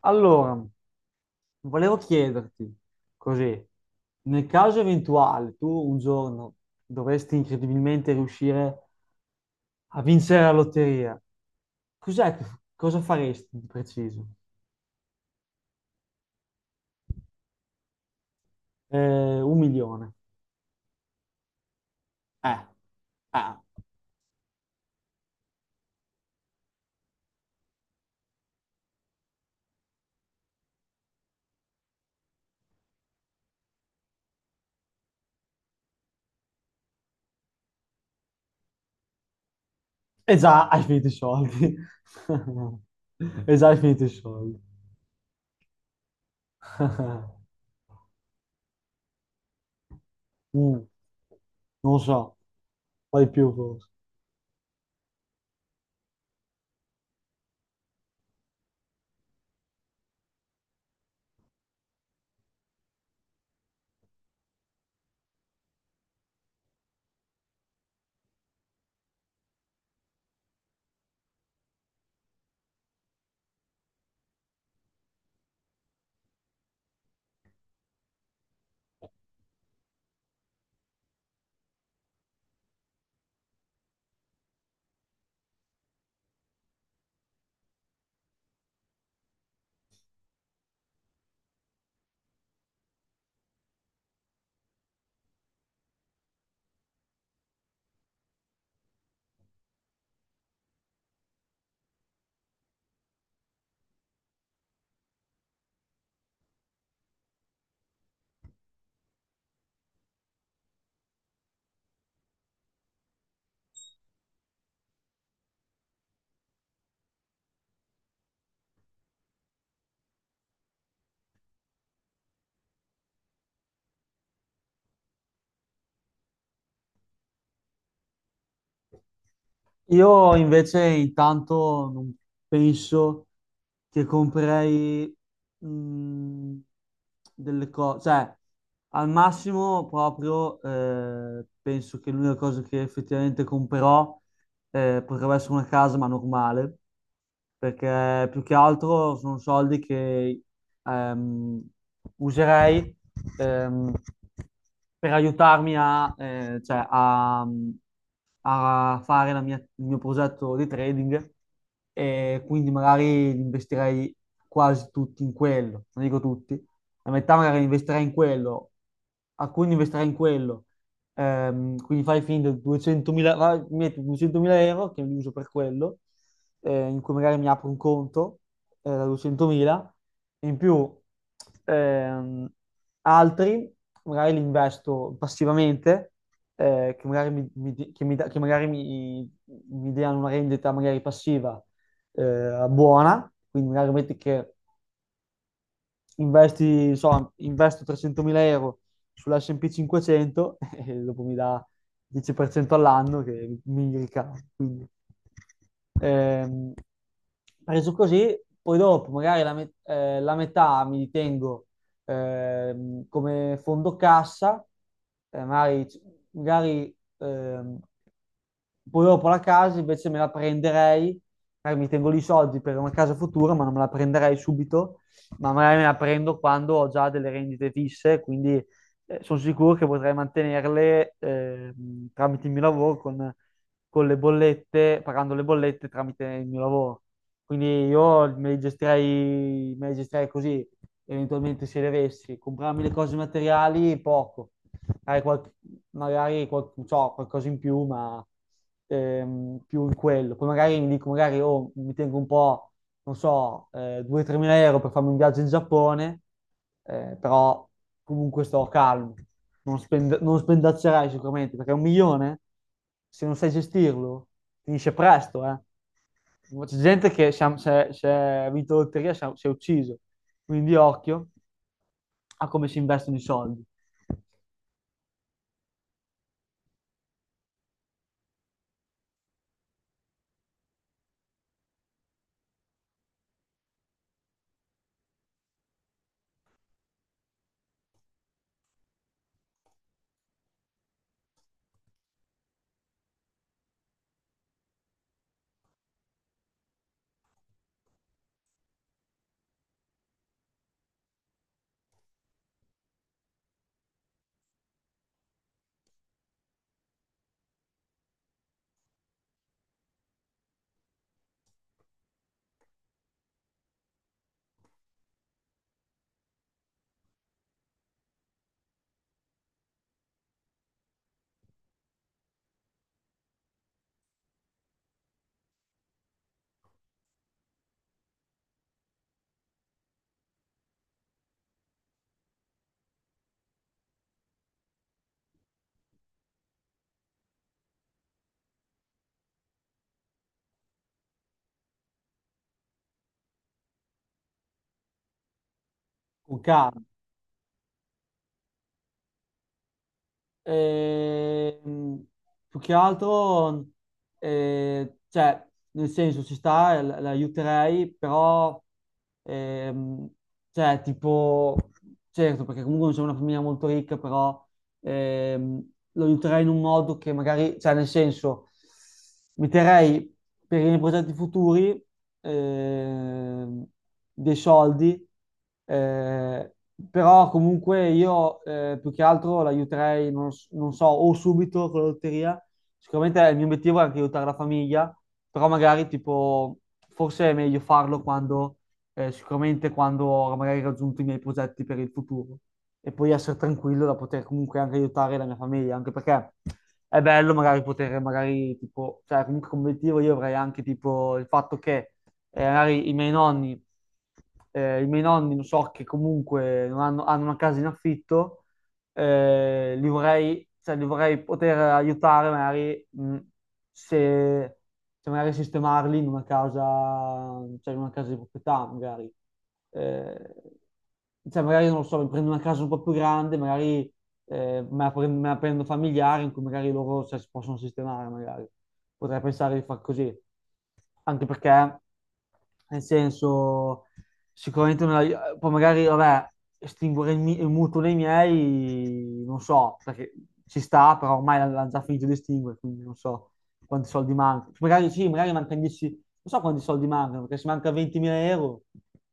Allora, volevo chiederti, così, nel caso eventuale tu un giorno dovresti incredibilmente riuscire a vincere la lotteria, cos'è che- cosa faresti di preciso? 1.000.000. Eh, eh. E già hai finito i soldi. E già hai finito i soldi. Mm, non so, poi più forse. Io invece intanto non penso che comprerei mh, delle cose, cioè al massimo proprio penso che l'unica cosa che effettivamente comprerò potrebbe essere una casa, ma normale, perché più che altro sono soldi che ehm, userei ehm, per aiutarmi a, cioè, a fare il mio progetto di trading, e quindi magari li investirei quasi tutti in quello, non dico tutti, la metà magari investirei in quello, alcuni investirei in quello. Quindi fai finta 200.000, vai, metti 200.000 € che li uso per quello, in cui magari mi apro un conto da 200.000, in più ehm, altri magari li investo passivamente, che magari, che mi che magari mi diano una rendita magari passiva buona, quindi magari metti che investo 300.000 € sull'S&P 500 e dopo mi dà 10% all'anno che mi ricavo. Quindi, ehm, preso così, poi dopo magari la metà mi ritengo come fondo cassa, eh, magari, magari, ehm, poi dopo la casa invece me la prenderei, magari mi tengo lì i soldi per una casa futura, ma non me la prenderei subito, ma magari me la prendo quando ho già delle rendite fisse, quindi sono sicuro che potrei mantenerle tramite il mio lavoro con le bollette, pagando le bollette tramite il mio lavoro. Quindi io me le gestirei così, eventualmente se le avessi. Comprarmi le cose materiali, poco hai qualcosa in più, ma più in quello. Poi magari mi dico, magari oh, mi tengo un po', non so, 2-3 mila euro per farmi un viaggio in Giappone, però comunque sto calmo. Non spendaccerai sicuramente, perché un milione, se non sai gestirlo, finisce presto, eh. C'è gente che si è vinto la lotteria, si è ucciso. Quindi occhio a come si investono i soldi. Con calma. Ehm, Più che altro, cioè, nel senso, ci sta, l'aiuterei, però, ehm, cioè, tipo, certo, perché comunque non c'è una famiglia molto ricca, però ehm, lo aiuterei in un modo che magari, cioè nel senso, metterei per i miei progetti futuri ehm, dei soldi, eh, però comunque io più che altro l'aiuterei, non so, o subito con la lotteria, sicuramente il mio obiettivo è anche aiutare la famiglia, però magari tipo forse è meglio farlo quando sicuramente quando ho magari raggiunto i miei progetti per il futuro e poi essere tranquillo da poter comunque anche aiutare la mia famiglia, anche perché è bello magari poter, magari tipo, cioè comunque come obiettivo io avrei anche tipo il fatto che magari i miei nonni non so che comunque non hanno, hanno una casa in affitto, li vorrei, cioè, li vorrei poter aiutare magari se, se magari sistemarli in una casa, cioè in una casa di proprietà magari. Eh, cioè magari non lo so, mi prendo una casa un po' più grande, magari me la prendo familiare in cui magari loro cioè, si possono sistemare, magari. Potrei pensare di far così. Anche perché, nel senso, sicuramente non la- poi magari, vabbè, estinguere il mutuo dei miei, non so, perché ci sta, però ormai l'ha già finito di estinguere, quindi non so quanti soldi mancano. Magari sì, magari mancano 10, non so quanti soldi mancano, perché se manca 20.000 euro,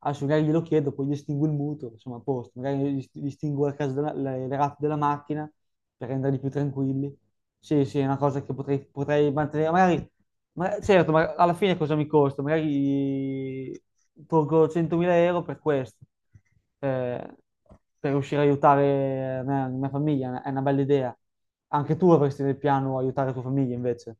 adesso magari glielo chiedo, poi gli estingo il mutuo, insomma, a posto, magari gli estingo le rate della macchina per renderli più tranquilli. Sì, sì, è una cosa che potrei mantenere, magari, certo, ma alla fine cosa mi costa? Magari tolgo 100.000 € per questo, eh, per riuscire a aiutare la mia famiglia, è una bella idea. Anche tu avresti nel piano aiutare la tua famiglia invece.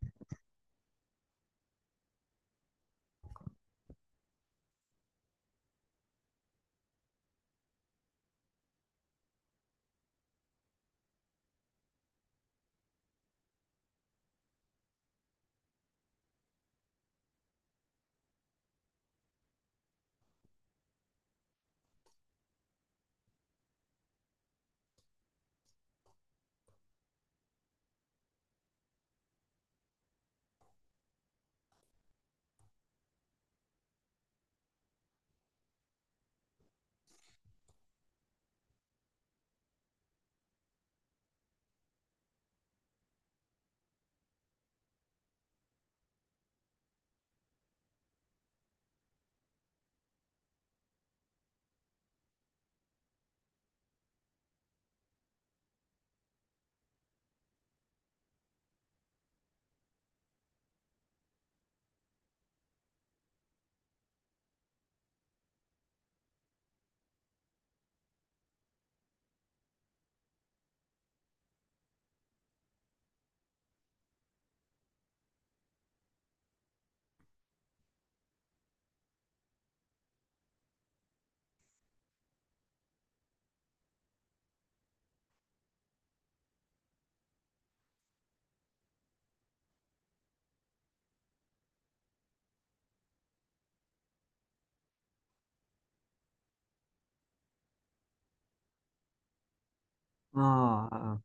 Ah, ah.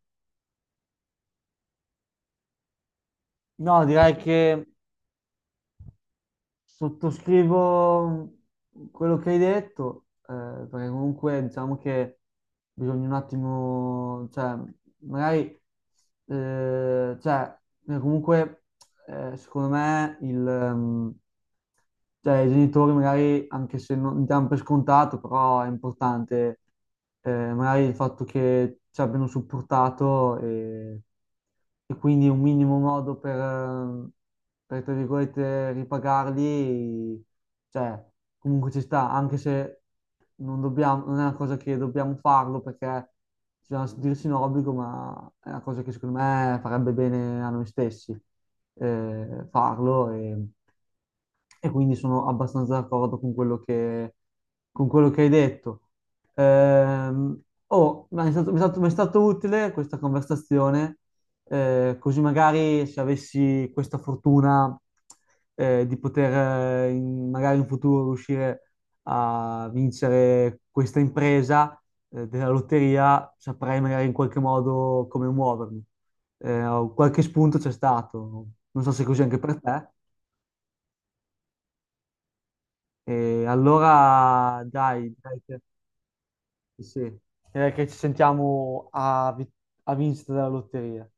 No, direi che sottoscrivo quello che hai detto, perché comunque diciamo che bisogna un attimo, cioè, magari, cioè, comunque, secondo me cioè, i genitori magari, anche se non diamo per scontato, però è importante magari il fatto che ci abbiano supportato e quindi un minimo modo per, tra virgolette, ripagarli, cioè, comunque ci sta, anche se non dobbiamo, non è una cosa che dobbiamo farlo perché bisogna sentirsi in obbligo, ma è una cosa che secondo me farebbe bene a noi stessi farlo. E quindi sono abbastanza d'accordo con quello che hai detto. Ehm, oh, ma mi è stato utile questa conversazione, così magari se avessi questa fortuna, di poter, magari in futuro riuscire a vincere questa impresa, della lotteria, saprei magari in qualche modo come muovermi. Qualche spunto c'è stato. Non so se è così anche per te. E allora dai, direi che, sì, sì, direi che ci sentiamo a vincita della lotteria.